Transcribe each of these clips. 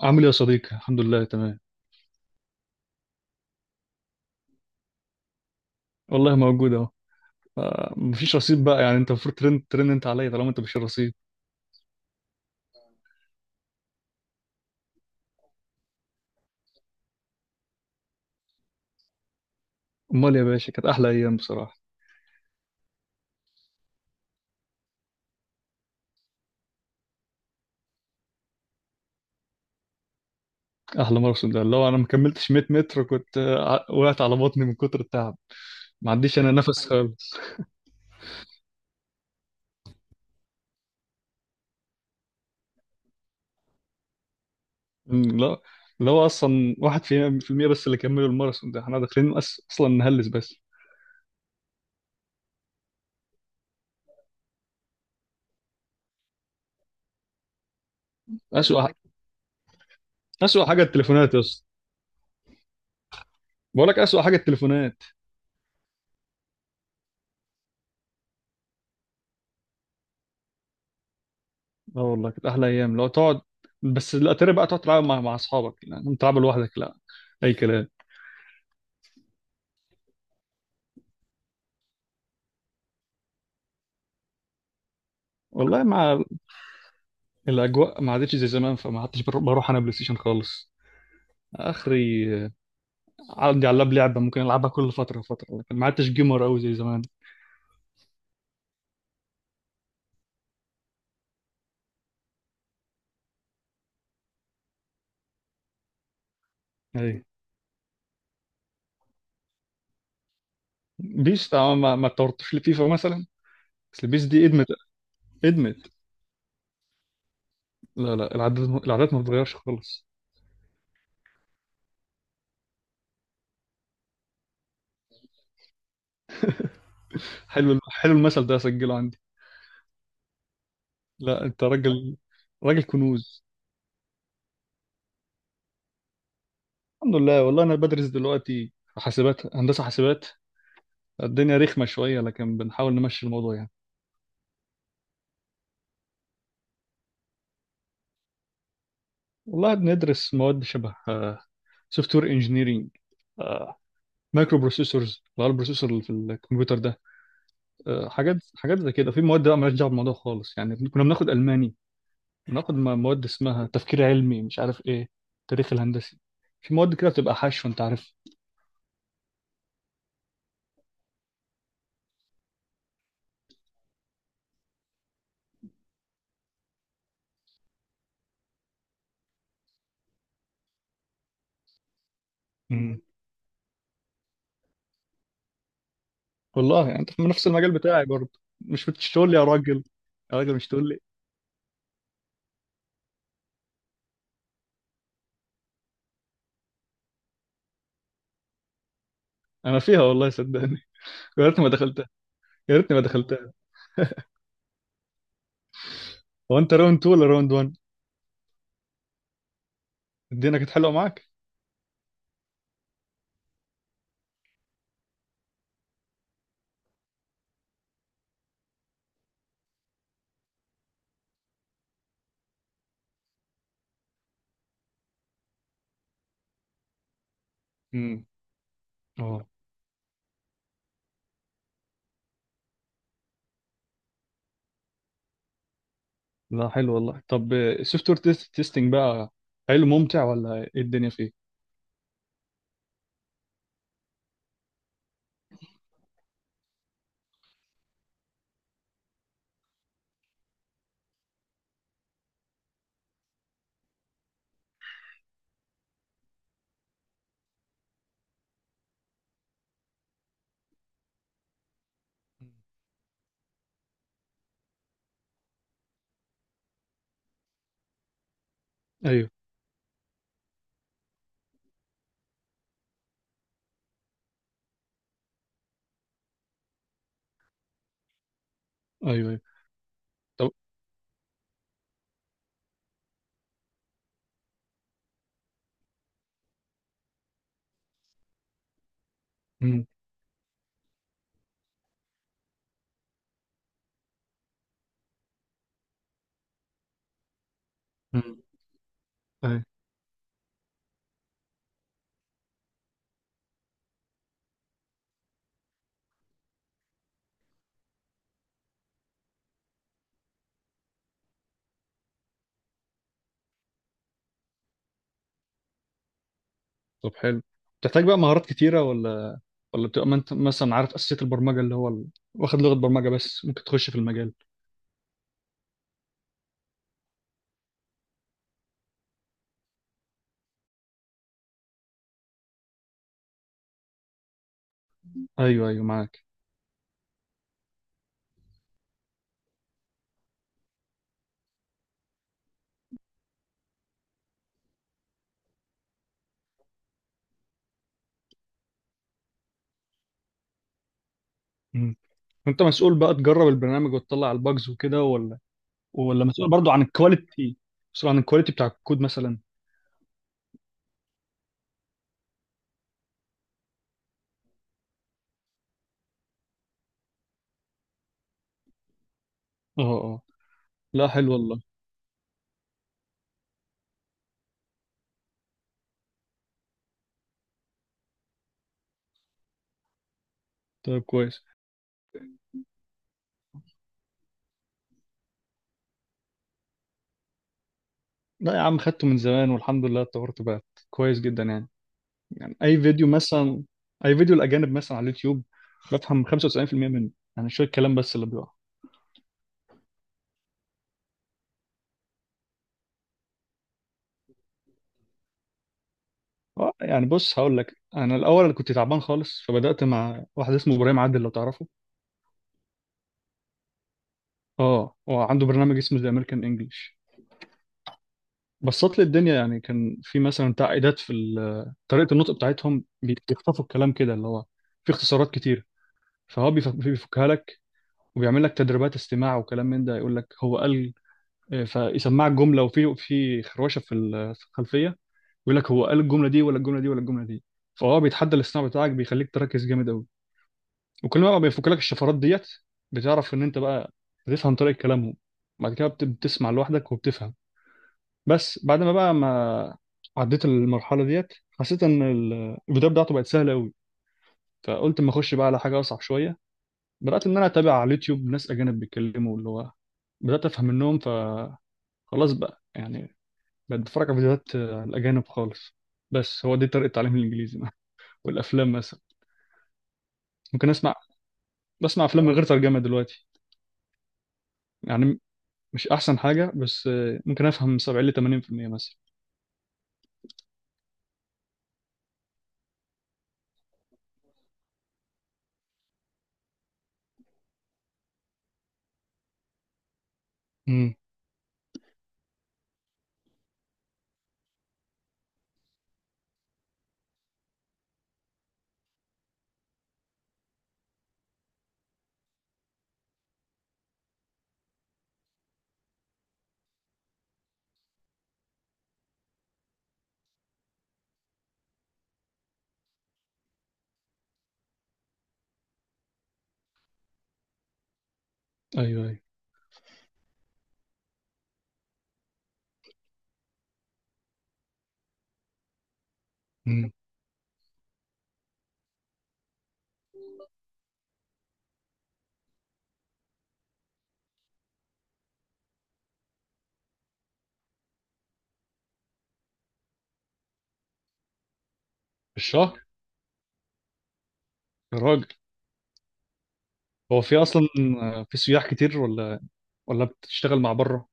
عامل ايه يا صديقي، الحمد لله تمام. والله موجود اهو. مفيش رصيد بقى، يعني انت المفروض ترن ترن انت عليا طالما انت مش الرصيد. امال يا باشا، كانت احلى ايام بصراحه. احلى ماراثون ده، لو انا ما كملتش 100 متر كنت، وقعت على بطني من كتر التعب. ما عنديش انا نفس خالص. أمم، لا. لا، هو اصلا واحد في المية، بس اللي كملوا الماراثون ده احنا داخلين اصلا نهلس بس. اسوأ ح- اسوأ حاجه التليفونات يا اسطى. بقول لك اسوأ حاجه التليفونات. اه والله كانت احلى ايام لو تقعد. بس الاتاري بقى تقعد تلعب مع اصحابك، يعني تلعب لوحدك لا. اي كلام. والله، مع الاجواء ما عادتش زي زمان، فما عدتش بروح انا بلاي ستيشن خالص اخري. عندي على اللاب لعبه ممكن العبها كل فتره وفتره، لكن ما عدتش جيمر قوي زي زمان. اي. بيس، ما اتطورتش لفيفا مثلا. بس البيس دي ادمت. ادمت. لا لا، العادات العادات ما بتتغيرش خالص. حلو، حلو المثل ده، اسجله عندي. لا انت راجل. راجل كنوز. الحمد لله، والله انا بدرس دلوقتي في حاسبات، هندسه حاسبات. الدنيا رخمه شويه، لكن بنحاول نمشي الموضوع يعني. والله بندرس مواد شبه سوفت وير انجينيرنج، مايكرو بروسيسورز اللي هو البروسيسور اللي في الكمبيوتر ده. حاجات حاجات زي كده. في مواد بقى مالهاش دعوه بالموضوع خالص، يعني كنا بناخد الماني. بناخد مواد اسمها تفكير علمي، مش عارف ايه. تاريخ الهندسي. في مواد كده بتبقى حشو، انت عارف. مم. والله، يعني انت في نفس المجال بتاعي برضه؟ مش بتشتغل لي يا راجل؟ يا راجل، مش تقول لي. انا فيها والله صدقني. يا ريتني ما دخلتها. يا ريتني ما دخلتها. هو انت راوند 2 ولا راوند 1؟ الدنيا كانت حلوه معاك. امم. اه. لا، حلو والله. طب السوفت وير تيستنج بقى، حلو ممتع، ولا ايه الدنيا فيه؟ مم. ايوه. ايوه. ايوه. طب. امم. امم. ايوه. طب حلو. بتحتاج بقى مهارات كتيره، ولا بتبقى ما انت مثلا عارف اساسيات البرمجه، اللي هو ال... واخد لغه برمجه بس ممكن تخش في المجال؟ ايوه ايوه، معاك. امم. انت مسؤول بقى تجرب البرنامج وتطلع الباجز وكده، ولا مسؤول برضو عن الكواليتي؟ مسؤول عن الكواليتي بتاع الكود مثلا؟ اه اه. لا، حلو والله. طيب، كويس. لا يا عم، خدته من زمان والحمد لله، اتطورت بقت كويس جدا يعني. يعني اي فيديو مثلا، اي فيديو الاجانب مثلا على اليوتيوب، بفهم 95% منه. يعني شويه كلام بس اللي بيقع. اه، يعني بص هقول لك، انا الاول انا كنت تعبان خالص، فبدات مع واحد اسمه ابراهيم عادل، لو تعرفه. اه، هو عنده برنامج اسمه ذا امريكان انجلش. بسط لي الدنيا، يعني كان في مثلا تعقيدات في طريقه النطق بتاعتهم، بيخطفوا الكلام كده، اللي هو في اختصارات كتير. فهو بيفكها لك، وبيعمل لك تدريبات استماع وكلام من ده. يقول لك هو قال، فيسمعك جمله، وفي في خروشه في في الخلفيه، يقول لك هو قال الجمله دي ولا الجمله دي ولا الجمله دي. فهو بيتحدى الاصطناع بتاعك، بيخليك تركز جامد قوي. وكل ما بقى بيفك لك الشفرات ديت، بتعرف ان انت بقى بتفهم طريقه كلامهم. بعد كده بتسمع لوحدك وبتفهم. بس بعد ما بقى ما عديت المرحله ديت، حسيت ان البدايه بتاعته بقت سهله قوي، فقلت اما اخش بقى على حاجه اصعب شويه. بدات ان انا اتابع على اليوتيوب ناس اجانب بيتكلموا، اللي هو بدات افهم منهم. خلاص بقى يعني، بقت بتفرج على فيديوهات، على الأجانب خالص. بس هو دي طريقة تعليم الإنجليزي. والأفلام مثلا ممكن أسمع، بسمع أفلام من غير ترجمة دلوقتي، يعني مش أحسن حاجة، بس ممكن أفهم 70 ل 80% مثلا. امم. أيوه أيوه. امم. في الشهر. يا راجل. هو في أصلا في سياح كتير، ولا ولا بتشتغل مع بره؟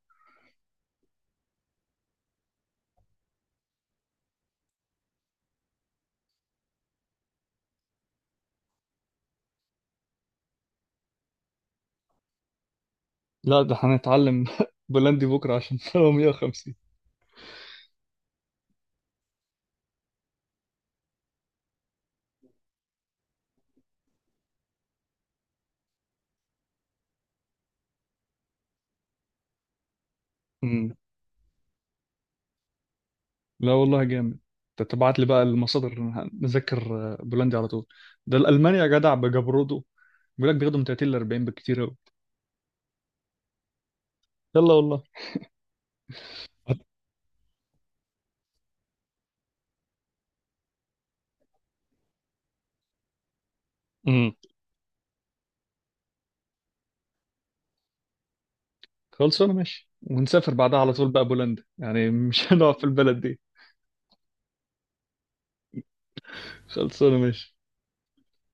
لا، ده هنتعلم بولندي بكرة، عشان هو 150. لا والله، جامد. انت تبعت لي بقى المصادر نذاكر، بولندي على طول. ده الالماني، يا جدع بجبرده، بيقول لك بياخدوا من 30 ل 40، بكتير قوي. يلا والله. امم. خلصانه، ماشي، ونسافر بعدها على طول بقى بولندا، يعني مش هنقعد في البلد دي. خلصانه ماشي.